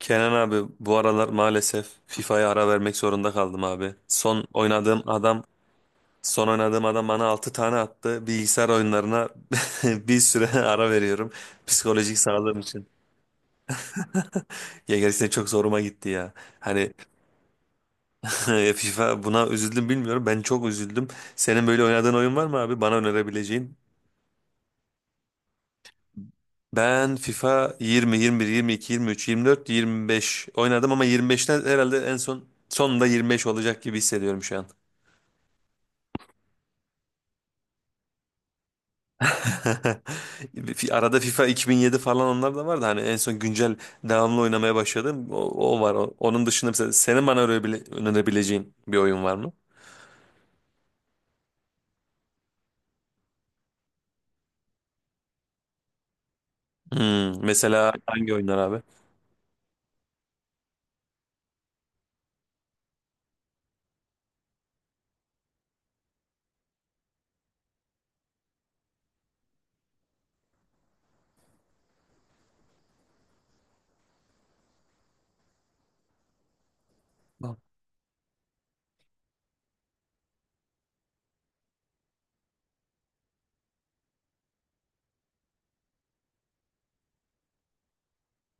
Kenan abi bu aralar maalesef FIFA'ya ara vermek zorunda kaldım abi. Son oynadığım adam bana 6 tane attı. Bilgisayar oyunlarına bir süre ara veriyorum. Psikolojik sağlığım için. Ya gerçekten çok zoruma gitti ya. Hani FIFA buna üzüldüm bilmiyorum. Ben çok üzüldüm. Senin böyle oynadığın oyun var mı abi? Bana önerebileceğin. Ben FIFA 20, 21, 22, 23, 24, 25 oynadım ama 25'ten herhalde en son sonunda 25 olacak gibi hissediyorum şu an. Arada FIFA 2007 falan onlar da vardı. Hani en son güncel devamlı oynamaya başladım. O var. Onun dışında mesela senin bana önerebileceğin bir oyun var mı? Hmm, mesela hangi oyunlar abi?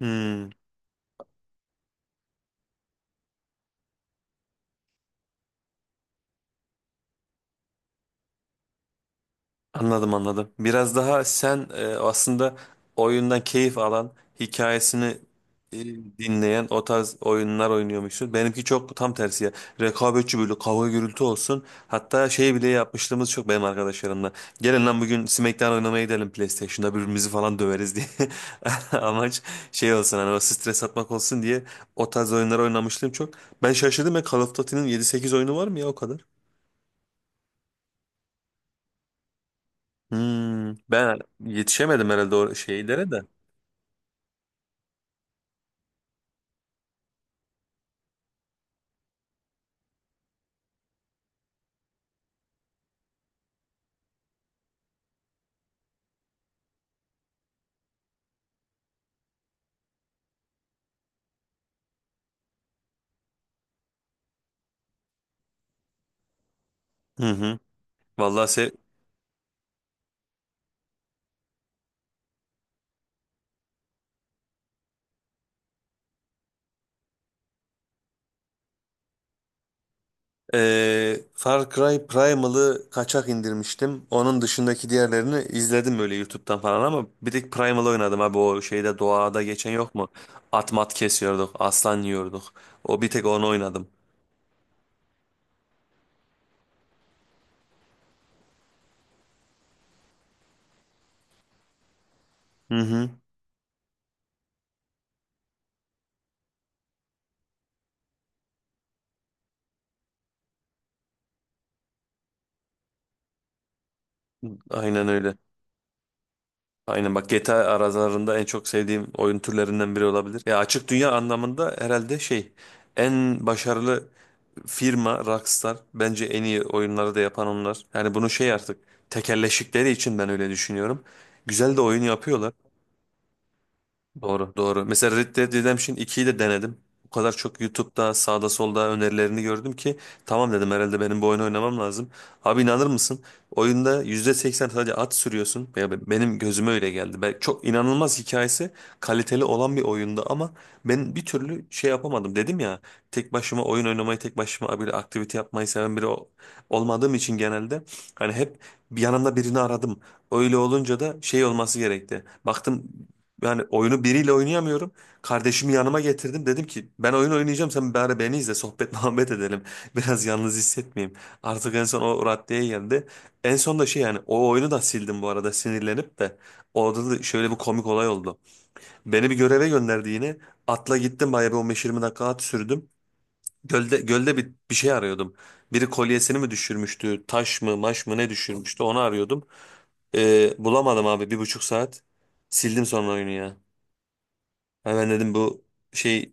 Hmm. Anladım anladım. Biraz daha sen aslında oyundan keyif alan, hikayesini e, dinleyen o tarz oyunlar oynuyormuşsun. Benimki çok tam tersi ya. Rekabetçi böyle kavga gürültü olsun. Hatta şey bile yapmışlığımız çok benim arkadaşlarımla. Gelin lan bugün SmackDown oynamaya gidelim PlayStation'da birbirimizi falan döveriz diye. Amaç şey olsun hani o stres atmak olsun diye o tarz oyunlar oynamışlığım çok. Ben şaşırdım ya Call of Duty'nin 7-8 oyunu var mı ya o kadar? Hmm, ben yetişemedim herhalde o şeylere de. Hı hı. Vallahi se Far Cry Primal'ı kaçak indirmiştim. Onun dışındaki diğerlerini izledim böyle YouTube'dan falan ama bir tek Primal oynadım abi o şeyde doğada geçen yok mu? At mat kesiyorduk, aslan yiyorduk. O bir tek onu oynadım. Hı hı. Aynen öyle. Aynen bak GTA aralarında en çok sevdiğim oyun türlerinden biri olabilir. Ya açık dünya anlamında herhalde şey en başarılı firma Rockstar bence en iyi oyunları da yapan onlar. Yani bunu şey artık tekelleşikleri için ben öyle düşünüyorum. Güzel de oyun yapıyorlar. Doğru, doğru. Mesela Red Dead Redemption ikiyi de denedim. O kadar çok YouTube'da sağda solda önerilerini gördüm ki tamam dedim herhalde benim bu oyunu oynamam lazım. Abi inanır mısın? Oyunda %80 sadece at sürüyorsun. Ya benim gözüme öyle geldi. Çok inanılmaz hikayesi kaliteli olan bir oyunda ama ben bir türlü şey yapamadım. Dedim ya tek başıma oyun oynamayı tek başıma bir aktivite yapmayı seven biri olmadığım için genelde hani hep bir yanımda birini aradım. Öyle olunca da şey olması gerekti. Baktım yani oyunu biriyle oynayamıyorum. Kardeşimi yanıma getirdim. Dedim ki ben oyun oynayacağım. Sen bari beni izle. Sohbet muhabbet edelim. Biraz yalnız hissetmeyeyim. Artık en son o raddeye geldi. En son da şey yani o oyunu da sildim bu arada sinirlenip de. Orada da şöyle bir komik olay oldu. Beni bir göreve gönderdi yine. Atla gittim bayağı bir 15-20 dakika at sürdüm. Gölde bir şey arıyordum. Biri kolyesini mi düşürmüştü? Taş mı maş mı ne düşürmüştü? Onu arıyordum. Bulamadım abi 1,5 saat. Sildim sonra oyunu ya. Hemen dedim bu şey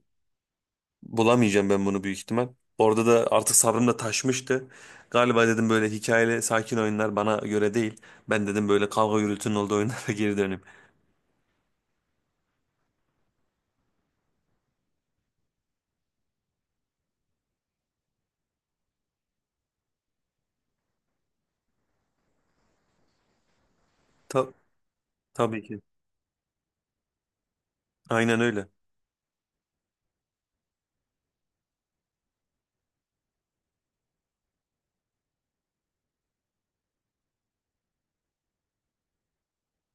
bulamayacağım ben bunu büyük ihtimal. Orada da artık sabrım da taşmıştı. Galiba dedim böyle hikayeli sakin oyunlar bana göre değil. Ben dedim böyle kavga gürültünün olduğu oyunlara geri döneyim. Ta- tabii ki. Aynen öyle.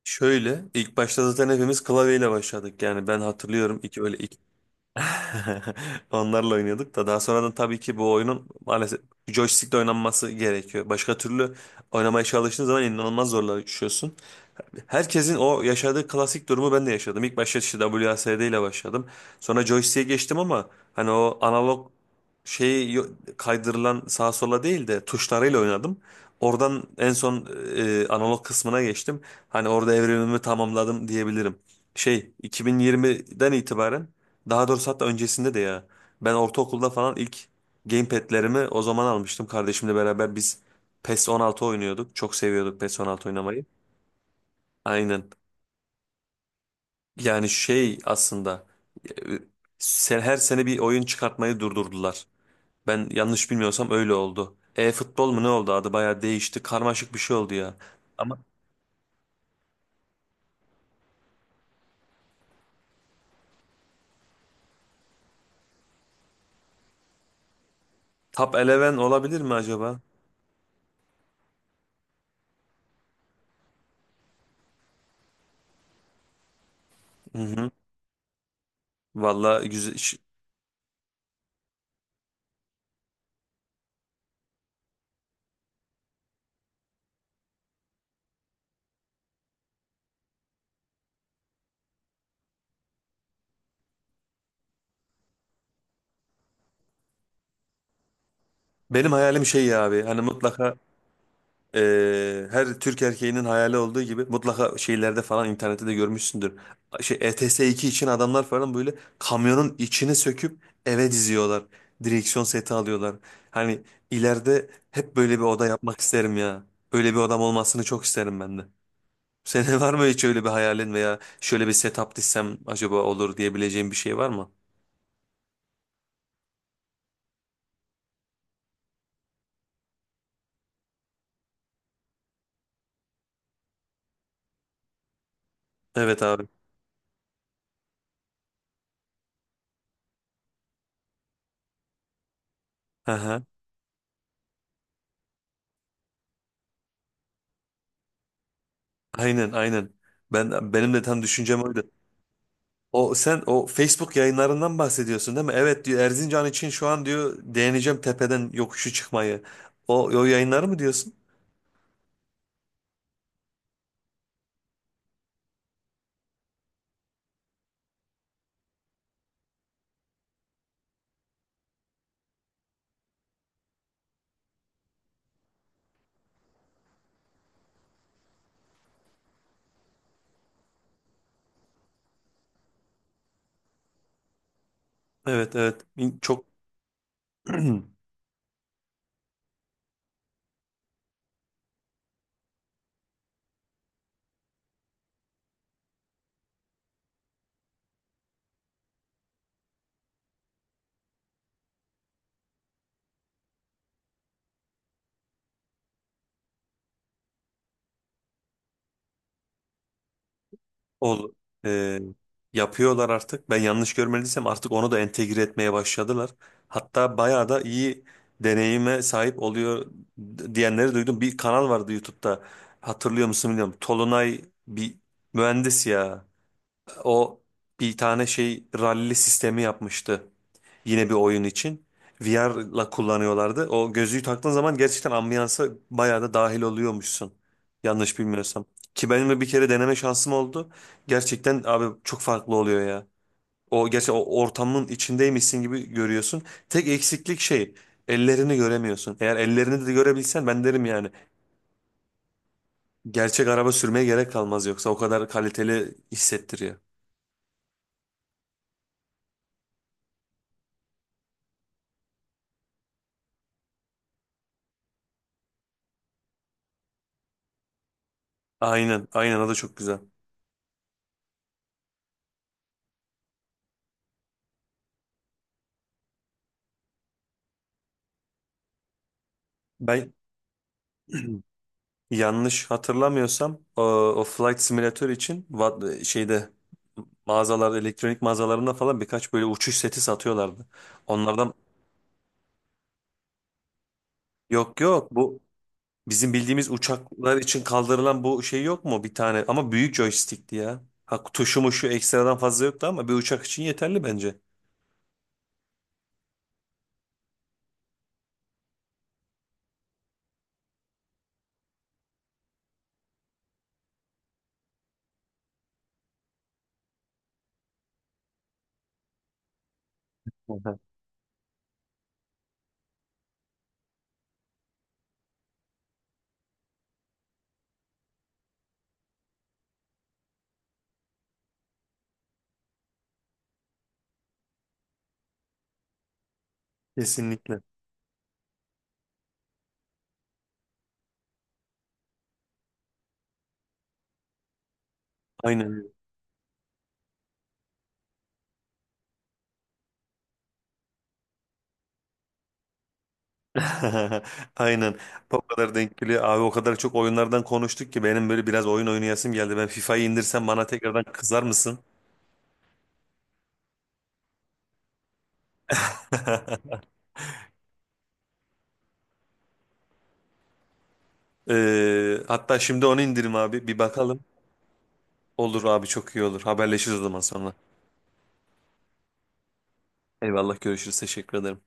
Şöyle ilk başta zaten hepimiz klavyeyle başladık. Yani ben hatırlıyorum iki öyle ilk onlarla oynuyorduk da daha sonradan tabii ki bu oyunun maalesef joystick'le oynanması gerekiyor. Başka türlü oynamaya çalıştığın zaman inanılmaz zorlaşıyorsun. Herkesin o yaşadığı klasik durumu ben de yaşadım. İlk başta işte WASD ile başladım. Sonra joystick'e geçtim ama hani o analog şeyi kaydırılan sağa sola değil de tuşlarıyla oynadım. Oradan en son analog kısmına geçtim. Hani orada evrimimi tamamladım diyebilirim. Şey 2020'den itibaren daha doğrusu hatta öncesinde de ya ben ortaokulda falan ilk gamepad'lerimi o zaman almıştım. Kardeşimle beraber biz PES 16 oynuyorduk. Çok seviyorduk PES 16 oynamayı. Aynen. Yani şey aslında e, sen her sene bir oyun çıkartmayı durdurdular. Ben yanlış bilmiyorsam öyle oldu. E-futbol mu ne oldu adı bayağı değişti. Karmaşık bir şey oldu ya. Ama Top Eleven olabilir mi acaba? Hı hı. Valla güzel. Benim hayalim şey ya abi hani mutlaka her Türk erkeğinin hayali olduğu gibi mutlaka şeylerde falan internette de görmüşsündür. Şey ETS2 için adamlar falan böyle kamyonun içini söküp eve diziyorlar. Direksiyon seti alıyorlar. Hani ileride hep böyle bir oda yapmak isterim ya. Böyle bir odam olmasını çok isterim ben de. Senin var mı hiç öyle bir hayalin veya şöyle bir setup dizsem acaba olur diyebileceğim bir şey var mı? Evet abi. Hı hı. Aynen aynen. Benim de tam düşüncem oydu. O Facebook yayınlarından bahsediyorsun değil mi? Evet diyor Erzincan için şu an diyor deneyeceğim tepeden yokuşu çıkmayı. O yayınları mı diyorsun? Evet evet çok oldu. Ee, Yapıyorlar artık. Ben yanlış görmediysem artık onu da entegre etmeye başladılar. Hatta bayağı da iyi deneyime sahip oluyor diyenleri duydum. Bir kanal vardı YouTube'da. Hatırlıyor musun bilmiyorum. Tolunay bir mühendis ya. O bir tane şey ralli sistemi yapmıştı. Yine bir oyun için. VR'la kullanıyorlardı. O gözlüğü taktığın zaman gerçekten ambiyansa bayağı da dahil oluyormuşsun. Yanlış bilmiyorsam. Ki benim de bir kere deneme şansım oldu. Gerçekten abi çok farklı oluyor ya. O gerçi o ortamın içindeymişsin gibi görüyorsun. Tek eksiklik şey ellerini göremiyorsun. Eğer ellerini de görebilsen ben derim yani. Gerçek araba sürmeye gerek kalmaz yoksa o kadar kaliteli hissettiriyor. Aynen, aynen o da çok güzel. Ben Yanlış hatırlamıyorsam o Flight Simulator için şeyde mağazalarda elektronik mağazalarında falan birkaç böyle uçuş seti satıyorlardı. Onlardan yok yok bu bizim bildiğimiz uçaklar için kaldırılan bu şey yok mu bir tane ama büyük joystickti ya. Ha, tuşu muşu ekstradan fazla yoktu ama bir uçak için yeterli bence. Aha, kesinlikle. Aynen öyle. Aynen. O kadar denk geliyor. Abi o kadar çok oyunlardan konuştuk ki benim böyle biraz oyun oynayasım geldi. Ben FIFA'yı indirsem bana tekrardan kızar mısın? Hatta şimdi onu indirim abi. Bir bakalım. Olur abi çok iyi olur. Haberleşiriz o zaman sonra. Eyvallah görüşürüz. Teşekkür ederim.